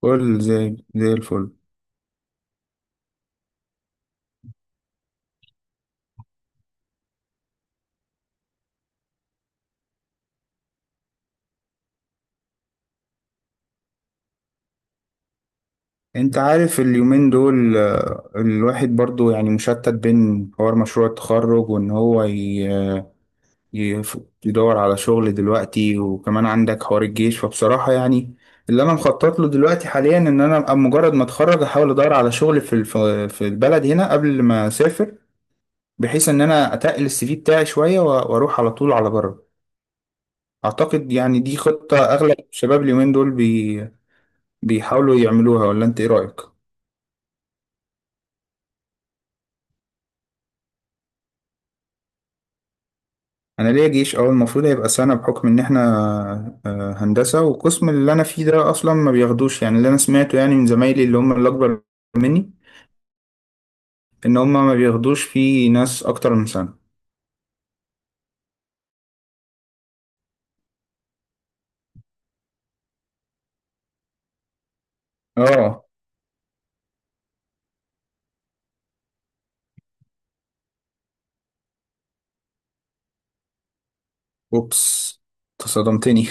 كل زي الفل. انت عارف اليومين دول الواحد برضو يعني مشتت بين حوار مشروع التخرج وان هو يف- يدور على شغل دلوقتي وكمان عندك حوار الجيش، فبصراحة يعني اللي انا مخطط له دلوقتي حاليا ان انا ابقى مجرد ما اتخرج احاول ادور على شغل في البلد هنا قبل ما اسافر، بحيث ان انا اتقل السي في بتاعي شوية واروح على طول على بره. اعتقد يعني دي خطة اغلب الشباب اليومين دول بيحاولوا يعملوها، ولا انت ايه رأيك؟ انا ليا جيش، اه. المفروض هيبقى سنه بحكم ان احنا هندسه، والقسم اللي انا فيه ده اصلا ما بياخدوش. يعني اللي انا سمعته يعني من زمايلي اللي هم اللي اكبر مني، ان هم ما بياخدوش فيه ناس اكتر من سنه. اه، اوبس، تصدمتني.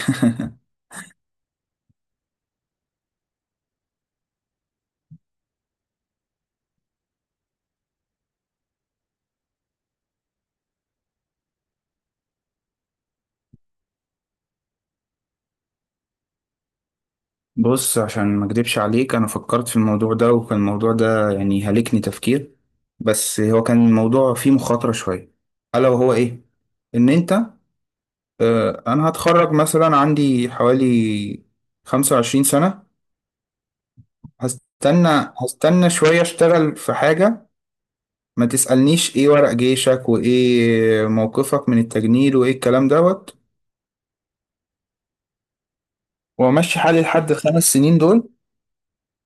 بص، عشان ما اكدبش عليك، انا فكرت في الموضوع ده، وكان الموضوع ده يعني هلكني تفكير، بس هو كان الموضوع فيه مخاطره شويه. الا وهو ايه؟ ان انت انا هتخرج مثلا عندي حوالي 25 سنه، هستنى شوية، اشتغل في حاجة ما تسألنيش ايه ورق جيشك، وايه موقفك من التجنيد، وايه الكلام دوت، وامشي حالي لحد الخمس سنين دول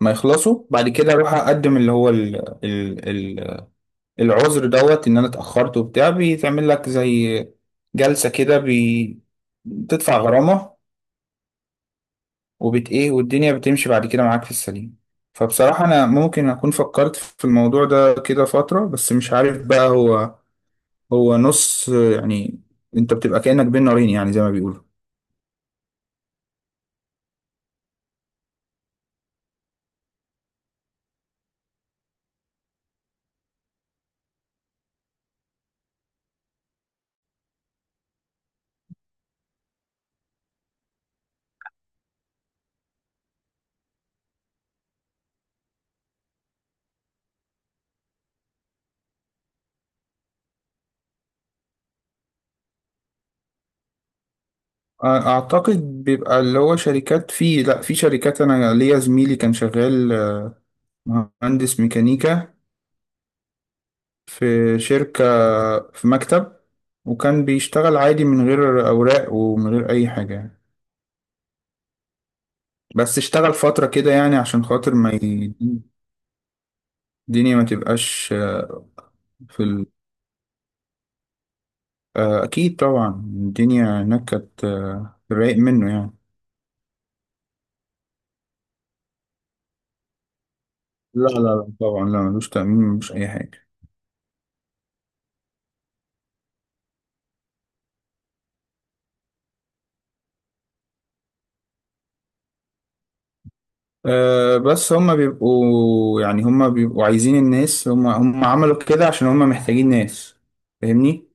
ما يخلصوا. بعد كده اروح اقدم اللي هو ال العذر دوت ان انا اتأخرت وبتاع. بيتعمل لك زي جلسة كده، بتدفع غرامة وبت ايه، والدنيا بتمشي بعد كده معاك في السليم. فبصراحة انا ممكن اكون فكرت في الموضوع ده كده فترة، بس مش عارف بقى. هو نص يعني، انت بتبقى كأنك بين نارين، يعني زي ما بيقولوا. اعتقد بيبقى اللي هو شركات، في لا في شركات، انا ليا زميلي كان شغال مهندس ميكانيكا في شركة، في مكتب، وكان بيشتغل عادي من غير اوراق ومن غير اي حاجة يعني. بس اشتغل فترة كده يعني عشان خاطر ما ي- الدنيا ما تبقاش في ال... اكيد طبعا الدنيا هناك كانت رايق منه يعني. لا لا لا، طبعا لا، ملوش تأمين، مش اي حاجة. أه، بس هما بيبقوا يعني هما بيبقوا عايزين الناس. هما عملوا كده عشان هما محتاجين ناس، فاهمني؟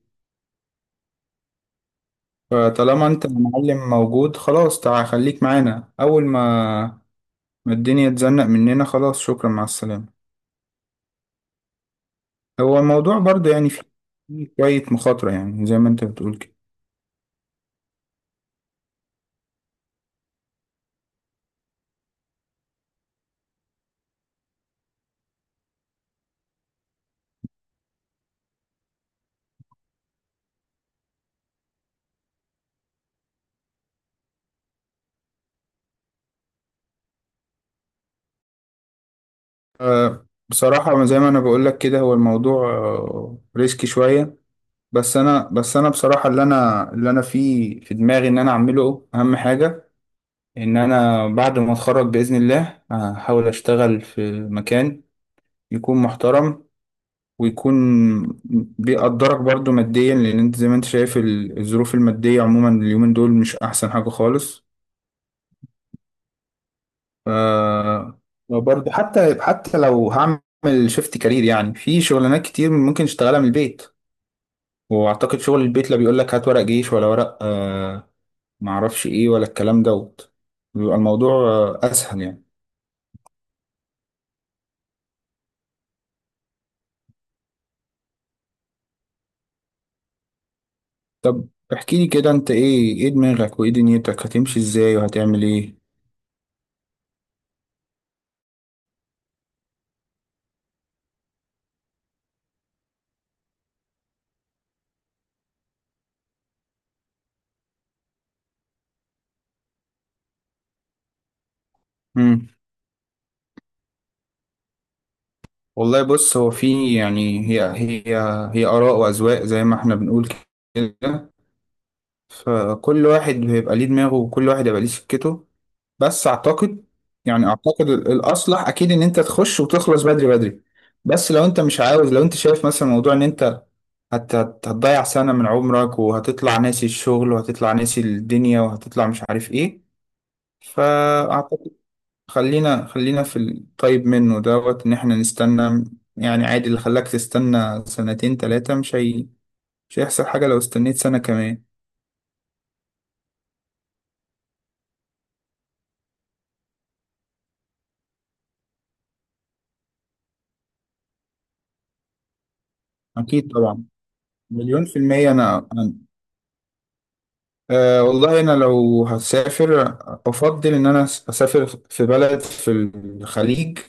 فطالما انت المعلم موجود، خلاص تعال خليك معانا. اول ما الدنيا تزنق مننا، خلاص شكرا مع السلامة. هو الموضوع برضه يعني فيه شوية مخاطرة، يعني زي ما انت بتقول كده. أه، بصراحة زي ما انا بقول لك كده، هو الموضوع أه ريسكي شوية، بس انا بصراحة اللي انا فيه في دماغي ان انا اعمله اهم حاجة، ان انا بعد ما اتخرج باذن الله هحاول اشتغل في مكان يكون محترم، ويكون بيقدرك برضو ماديا، لان انت زي ما انت شايف الظروف الماديه عموما اليومين دول مش احسن حاجه خالص. ف وبرضه حتى لو هعمل شيفت كارير، يعني في شغلانات كتير ممكن اشتغلها من البيت، واعتقد شغل البيت لا بيقول لك هات ورق جيش ولا ورق آه معرفش ايه ولا الكلام دوت، بيبقى الموضوع آه اسهل يعني. طب احكي لي كده، انت ايه؟ ايه دماغك، وايه دنيتك هتمشي ازاي، وهتعمل ايه؟ امم، والله بص، هو في يعني هي آراء وأذواق زي ما احنا بنقول كده، فكل واحد بيبقى ليه دماغه، وكل واحد يبقى ليه سكته. بس اعتقد يعني اعتقد الأصلح اكيد ان انت تخش وتخلص بدري. بس لو انت مش عاوز، لو انت شايف مثلا موضوع ان انت هتضيع سنة من عمرك، وهتطلع ناسي الشغل، وهتطلع ناسي الدنيا، وهتطلع مش عارف ايه، فأعتقد خلينا في الطيب منه دوت، ان احنا نستنى. يعني عادي، اللي خلاك تستنى سنتين تلاتة، مش هي... مش هيحصل حاجة لو استنيت سنة كمان. اكيد طبعا، مليون في المية. أه والله انا لو هسافر افضل ان انا اسافر في بلد في الخليج.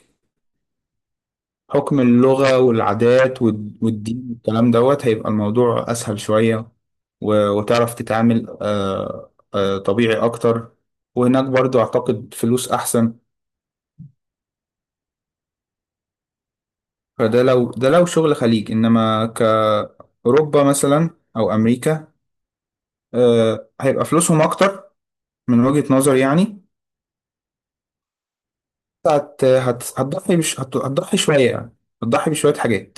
حكم اللغة والعادات والدين والكلام دوت، هيبقى الموضوع اسهل شوية، وتعرف تتعامل أه أه طبيعي اكتر. وهناك برضو اعتقد فلوس احسن. فده لو شغل خليج، انما كأوروبا مثلا او امريكا، هيبقى فلوسهم اكتر من وجهة نظر يعني. هتضحي شوية يعني، هتضحي بشوية حاجات.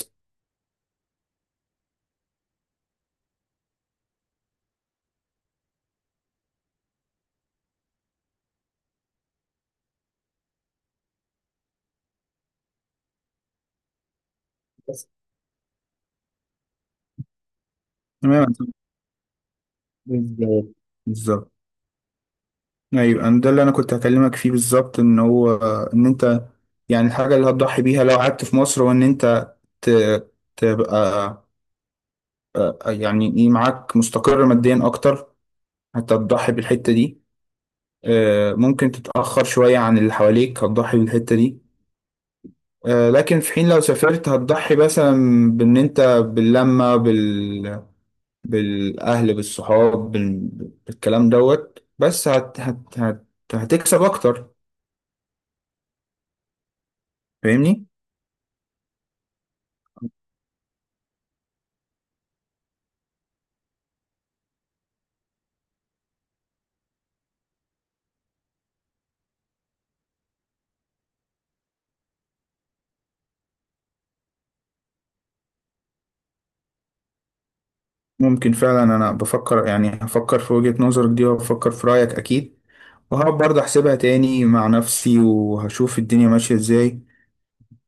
بس تمام، بالظبط، بالظبط. ايوه، أنا ده اللي انا كنت هكلمك فيه بالظبط. ان هو، ان انت يعني الحاجة اللي هتضحي بيها لو قعدت في مصر، هو ان انت ت... تبقى يعني ايه معاك مستقر ماديا اكتر. هتضحي بالحتة دي، ممكن تتأخر شوية عن اللي حواليك، هتضحي بالحتة دي. لكن في حين لو سافرت هتضحي مثلا بإن أنت باللمة بال... بالأهل بالصحاب بال... بالكلام دوت. بس هتكسب أكتر، فاهمني؟ ممكن فعلا، أنا بفكر يعني هفكر في وجهة نظرك دي، وهفكر في رأيك أكيد، وهقعد برضه أحسبها تاني مع نفسي، وهشوف الدنيا ماشية إزاي.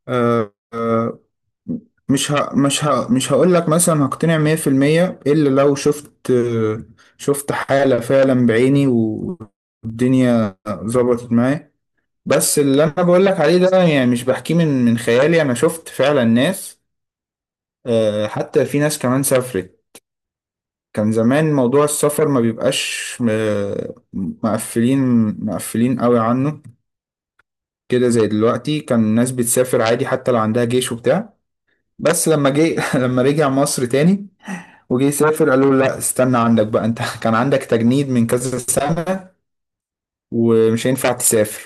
أه مش هقول لك مثلا هقتنع 100% الا لو شفت، شفت حالة فعلا بعيني، والدنيا ظبطت معايا. بس اللي انا بقول لك عليه ده، يعني مش بحكيه من خيالي، انا شفت فعلا ناس. حتى في ناس كمان سافرت. كان زمان موضوع السفر ما بيبقاش آه، مقفلين مقفلين قوي عنه كده زي دلوقتي. كان الناس بتسافر عادي حتى لو عندها جيش وبتاع. بس لما جه لما رجع مصر تاني وجي يسافر، قالوا له لا، استنى عندك بقى انت. كان عندك تجنيد من كذا سنة ومش هينفع تسافر.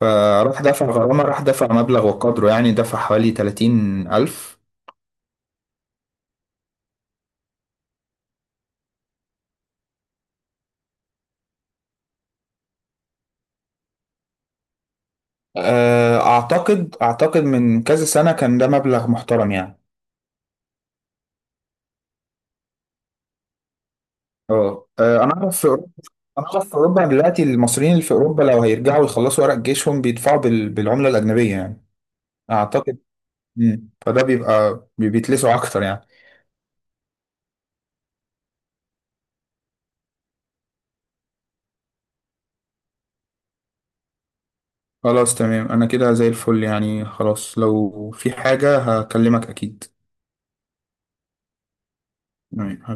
فراح دفع غرامة، راح دفع مبلغ وقدره يعني، دفع حوالي 30 ألف. أعتقد من كذا سنة كان ده مبلغ محترم يعني. اه أنا أعرف في أوروبا. أنا أعرف في أوروبا دلوقتي المصريين اللي في أوروبا لو هيرجعوا يخلصوا ورق جيشهم بيدفعوا بالعملة الأجنبية يعني. أعتقد. مم. فده بيبقى بيتلسعوا أكتر يعني. خلاص تمام، انا كده زي الفل يعني. خلاص، لو في حاجة هكلمك اكيد. تمام.